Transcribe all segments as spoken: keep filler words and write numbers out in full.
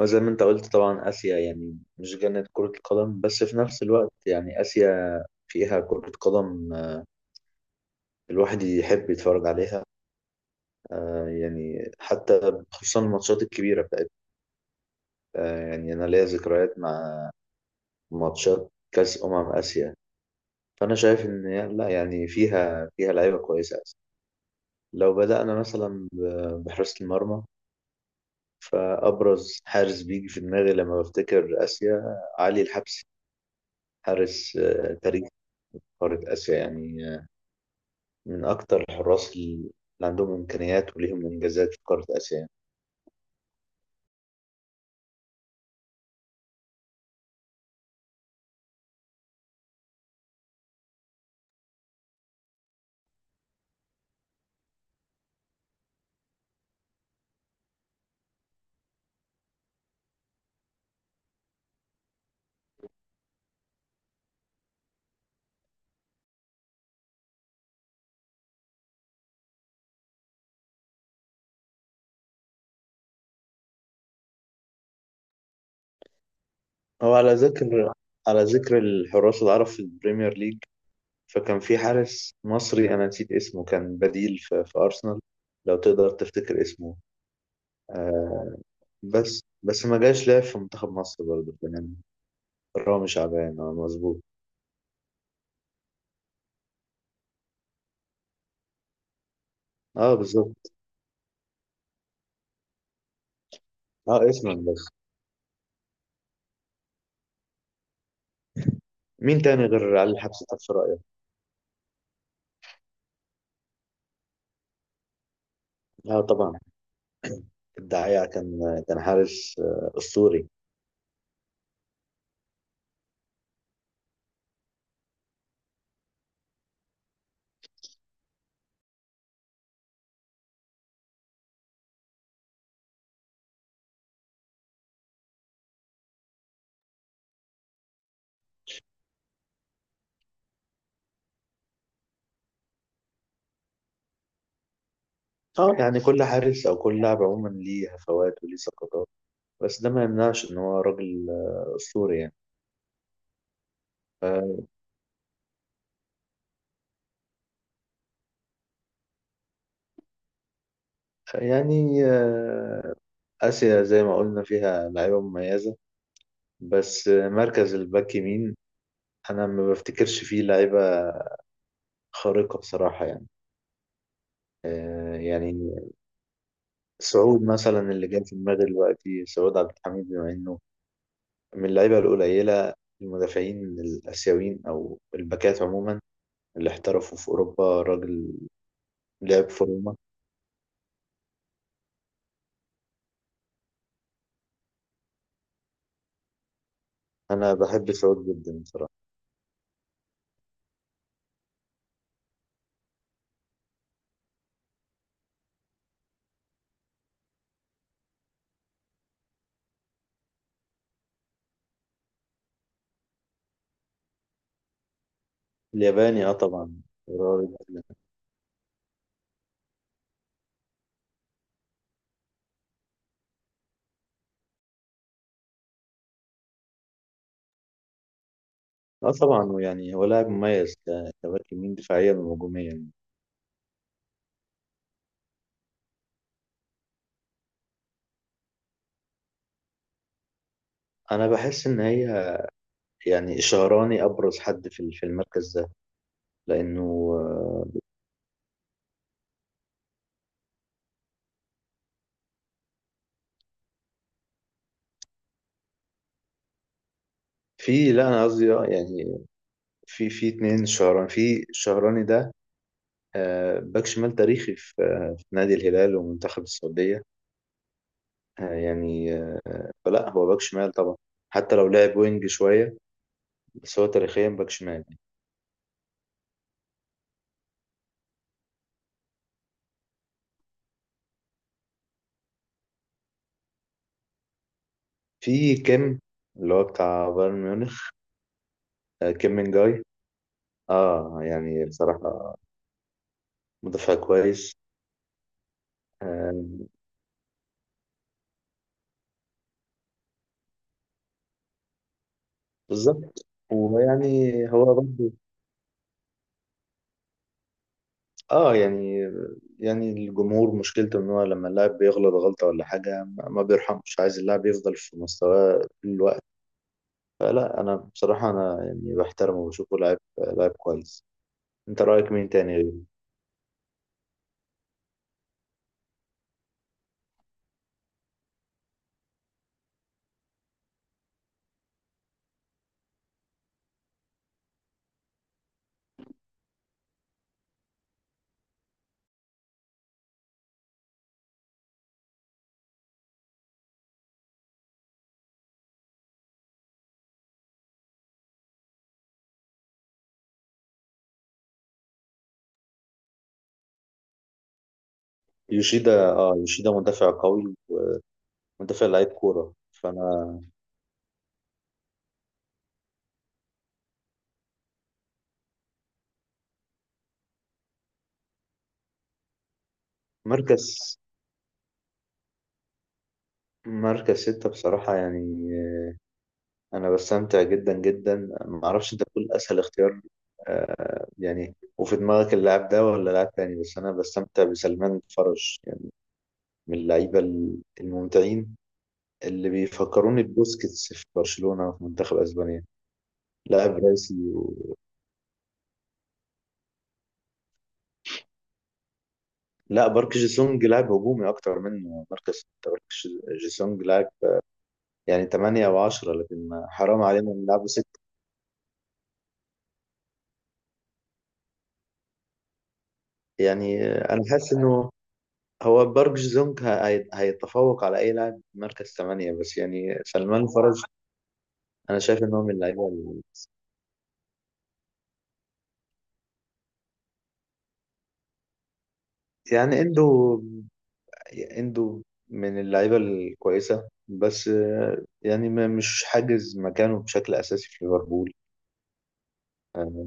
وزي ما انت قلت طبعا آسيا يعني مش جنة كرة القدم، بس في نفس الوقت يعني آسيا فيها كرة قدم آه، الواحد يحب يتفرج عليها. آه، يعني حتى خصوصا الماتشات الكبيرة بتاعت آه، يعني أنا ليا ذكريات مع ماتشات كأس أمم آسيا. فأنا شايف إن يا- لا يعني فيها فيها لعيبة كويسة آسيا. لو بدأنا مثلا ب- بحراسة المرمى، فأبرز حارس بيجي في دماغي لما بفتكر آسيا علي الحبسي. حارس آه، تاريخي، قارة آسيا يعني، من أكتر الحراس اللي عندهم إمكانيات وليهم إنجازات في قارة آسيا يعني. هو على ذكر على ذكر الحراس العرب في البريمير ليج، فكان في حارس مصري أنا نسيت اسمه، كان بديل في, في أرسنال. لو تقدر تفتكر اسمه. آه. بس بس ما جاش لعب في منتخب مصر برضه يعني. رامي شعبان، آه، مظبوط. اه بالظبط. اه اسما بس. مين تاني غير علي الحبس ده في رأيك؟ اه طبعا. الدعيع كان، كان حارس آه، أسطوري. اه يعني كل حارس او كل لاعب عموما ليه هفوات وليه سقطات، بس ده ما يمنعش ان هو راجل آه، اسطوري يعني. ف- يعني آه، اسيا زي ما قلنا فيها لعيبه مميزه، بس آه، مركز الباك يمين انا ما بفتكرش فيه لعيبه خارقه بصراحه يعني. آه، يعني سعود مثلا اللي جاي في دماغي دلوقتي، سعود عبد الحميد، بما انه من اللعيبه القليله، المدافعين الاسيويين او الباكات عموما اللي احترفوا في اوروبا. راجل لعب في روما. انا بحب سعود جدا بصراحه. الياباني اه طبعا. إيراري مثلاً. اه طبعا، ويعني هو لاعب مميز ك- كباك يمين دفاعيا وهجوميا. انا بحس ان هي يعني شهراني ابرز حد في ال- في المركز ده لانه آه، في، لا انا قصدي آه، يعني في، في اتنين شهراني، في شهراني ده آه، باك شمال تاريخي في آه، في نادي الهلال ومنتخب السعوديه، آه، يعني آه، فلا هو باك شمال طبعا، حتى لو لعب وينج شويه، بس هو تاريخيا باك شمال. في كيم اللي هو بتاع بايرن ميونخ. آه، كيم من جاي، اه يعني بصراحة مدافع كويس. آه بالظبط. ويعني هو برضه. اه يعني، يعني الجمهور مشكلته ان هو لما اللاعب بيغلط غلطة ولا حاجة ما ما بيرحمش، عايز اللاعب يفضل في مستواه طول الوقت. فلا انا بصراحة انا يعني بحترمه وبشوفه لاعب، لاعب كويس. انت رأيك مين تاني غيره؟ يوشيدا، اه يوشيدا مدافع قوي، مدافع لعيب كورة. فانا مركز مركز ستة بصراحة يعني أنا بستمتع جدا جدا، معرفش أنت بتقول أسهل اختيار. آه، يعني وفي دماغك اللاعب ده ولا لاعب تاني، بس أنا بستمتع بسلمان فرج يعني، من اللعيبة الممتعين اللي بيفكروني ببوسكيتس في برشلونة في منتخب أسبانيا. لاعب راسي و... لا بارك جيسونج لاعب هجومي أكتر منه مركز ستة. بارك جيسونج لاعب يعني تمانية أو عشرة، لكن حرام علينا نلعبه ستة. يعني أنا حاسس إنه هو بارك جي سونج هي- هيتفوق على اي لاعب في مركز ثمانية، بس يعني سلمان فرج. انا شايف ان هو من اللعيبه ال- يعني عنده عنده من اللعيبه الكويسه، بس آه، يعني ما- مش حاجز مكانه بشكل اساسي في ليفربول. آه،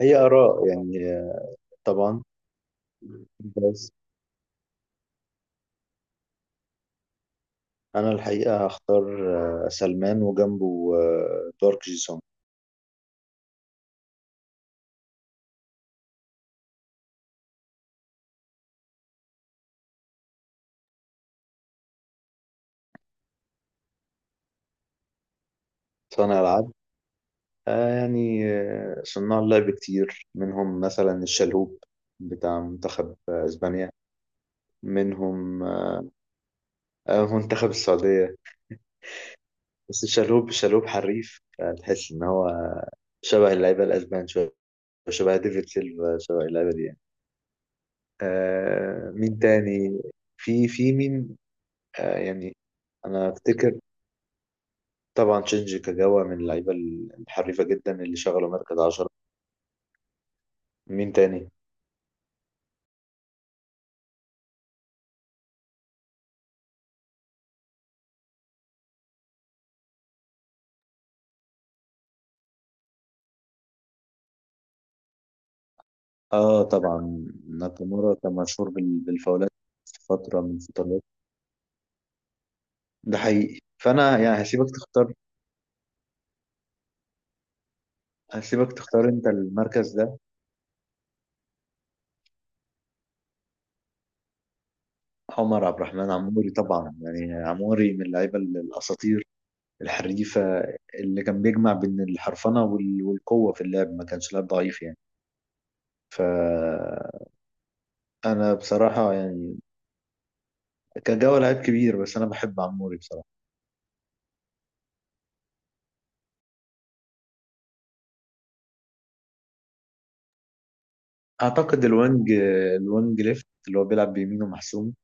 هي اراء يعني، آه، طبعا. بس انا الحقيقه هختار آه، سلمان وجنبه آه، بارك جي سونج. صانع العاب، آه يعني آه، صناع لعب كتير منهم مثلا الشلهوب بتاع منتخب آه، اسبانيا، منهم آه، آه، منتخب السعودية. بس الشلهوب، الشلهوب حريف، آه، تحس ان هو شبه اللعيبة الاسبان شوية، شبه ديفيد سيلفا، شبه اللعيبة دي يعني. آه مين تاني، في في مين. آه يعني انا افتكر طبعا تشينجي كاجاوا من اللعيبة الحريفة جدا اللي شغلوا مركز عشرة. مين تاني. اه طبعا ناكامورا كان مشهور بال- بالفاولات في فترة من فترات. ده حقيقي، فانا يعني هسيبك تختار، هسيبك تختار انت المركز ده. عمر عبد الرحمن عموري طبعا، يعني عموري من اللعيبة ال- الاساطير الحريفة، اللي كان بيجمع بين الحرفنة وال- والقوة في اللعب، ما كانش لاعب ضعيف يعني. ف انا بصراحة يعني كان جوه لعيب كبير، بس انا بحب عموري بصراحة. اعتقد الوينج، الوينج ليفت اللي هو بيلعب بيمينه محسوم.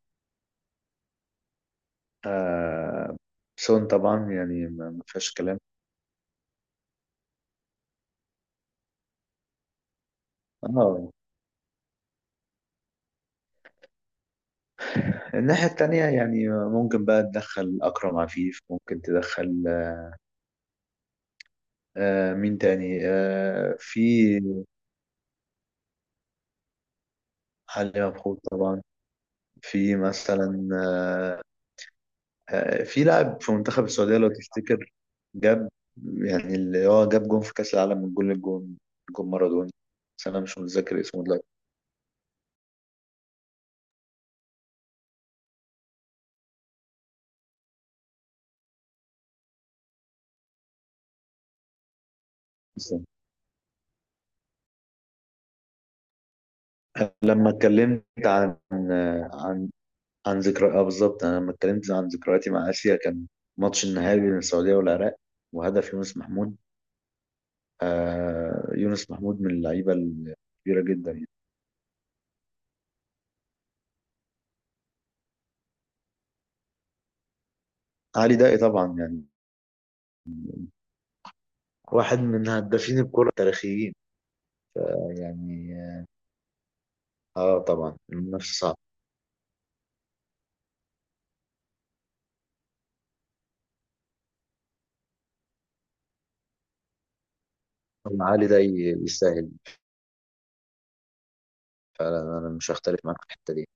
آه سون طبعا، يعني ما ما فيهاش كلام. اه الناحية التانية يعني ممكن بقى تدخل أكرم عفيف، ممكن تدخل آه مين تاني، آه في علي مبخوت طبعا. في مثلا آه آه، في لاعب في منتخب السعودية لو تفتكر جاب، يعني اللي هو جاب جون في كأس العالم من جول الجون، جون مارادوني، بس أنا مش متذكر اسمه دلوقتي. لما اتكلمت عن، عن ذكرى، اه بالظبط، انا لما اتكلمت عن ذكرياتي مع اسيا كان ماتش النهائي بين السعوديه والعراق وهدف يونس محمود. آه يونس محمود من اللعيبه الكبيره جدا يعني. علي دقي طبعا، يعني واحد من هدافين الكره التاريخيين يعني. اه طبعا المنافسه صعبه، علي دقي يستاهل. فعلا انا مش هختلف معاك في الحته دي.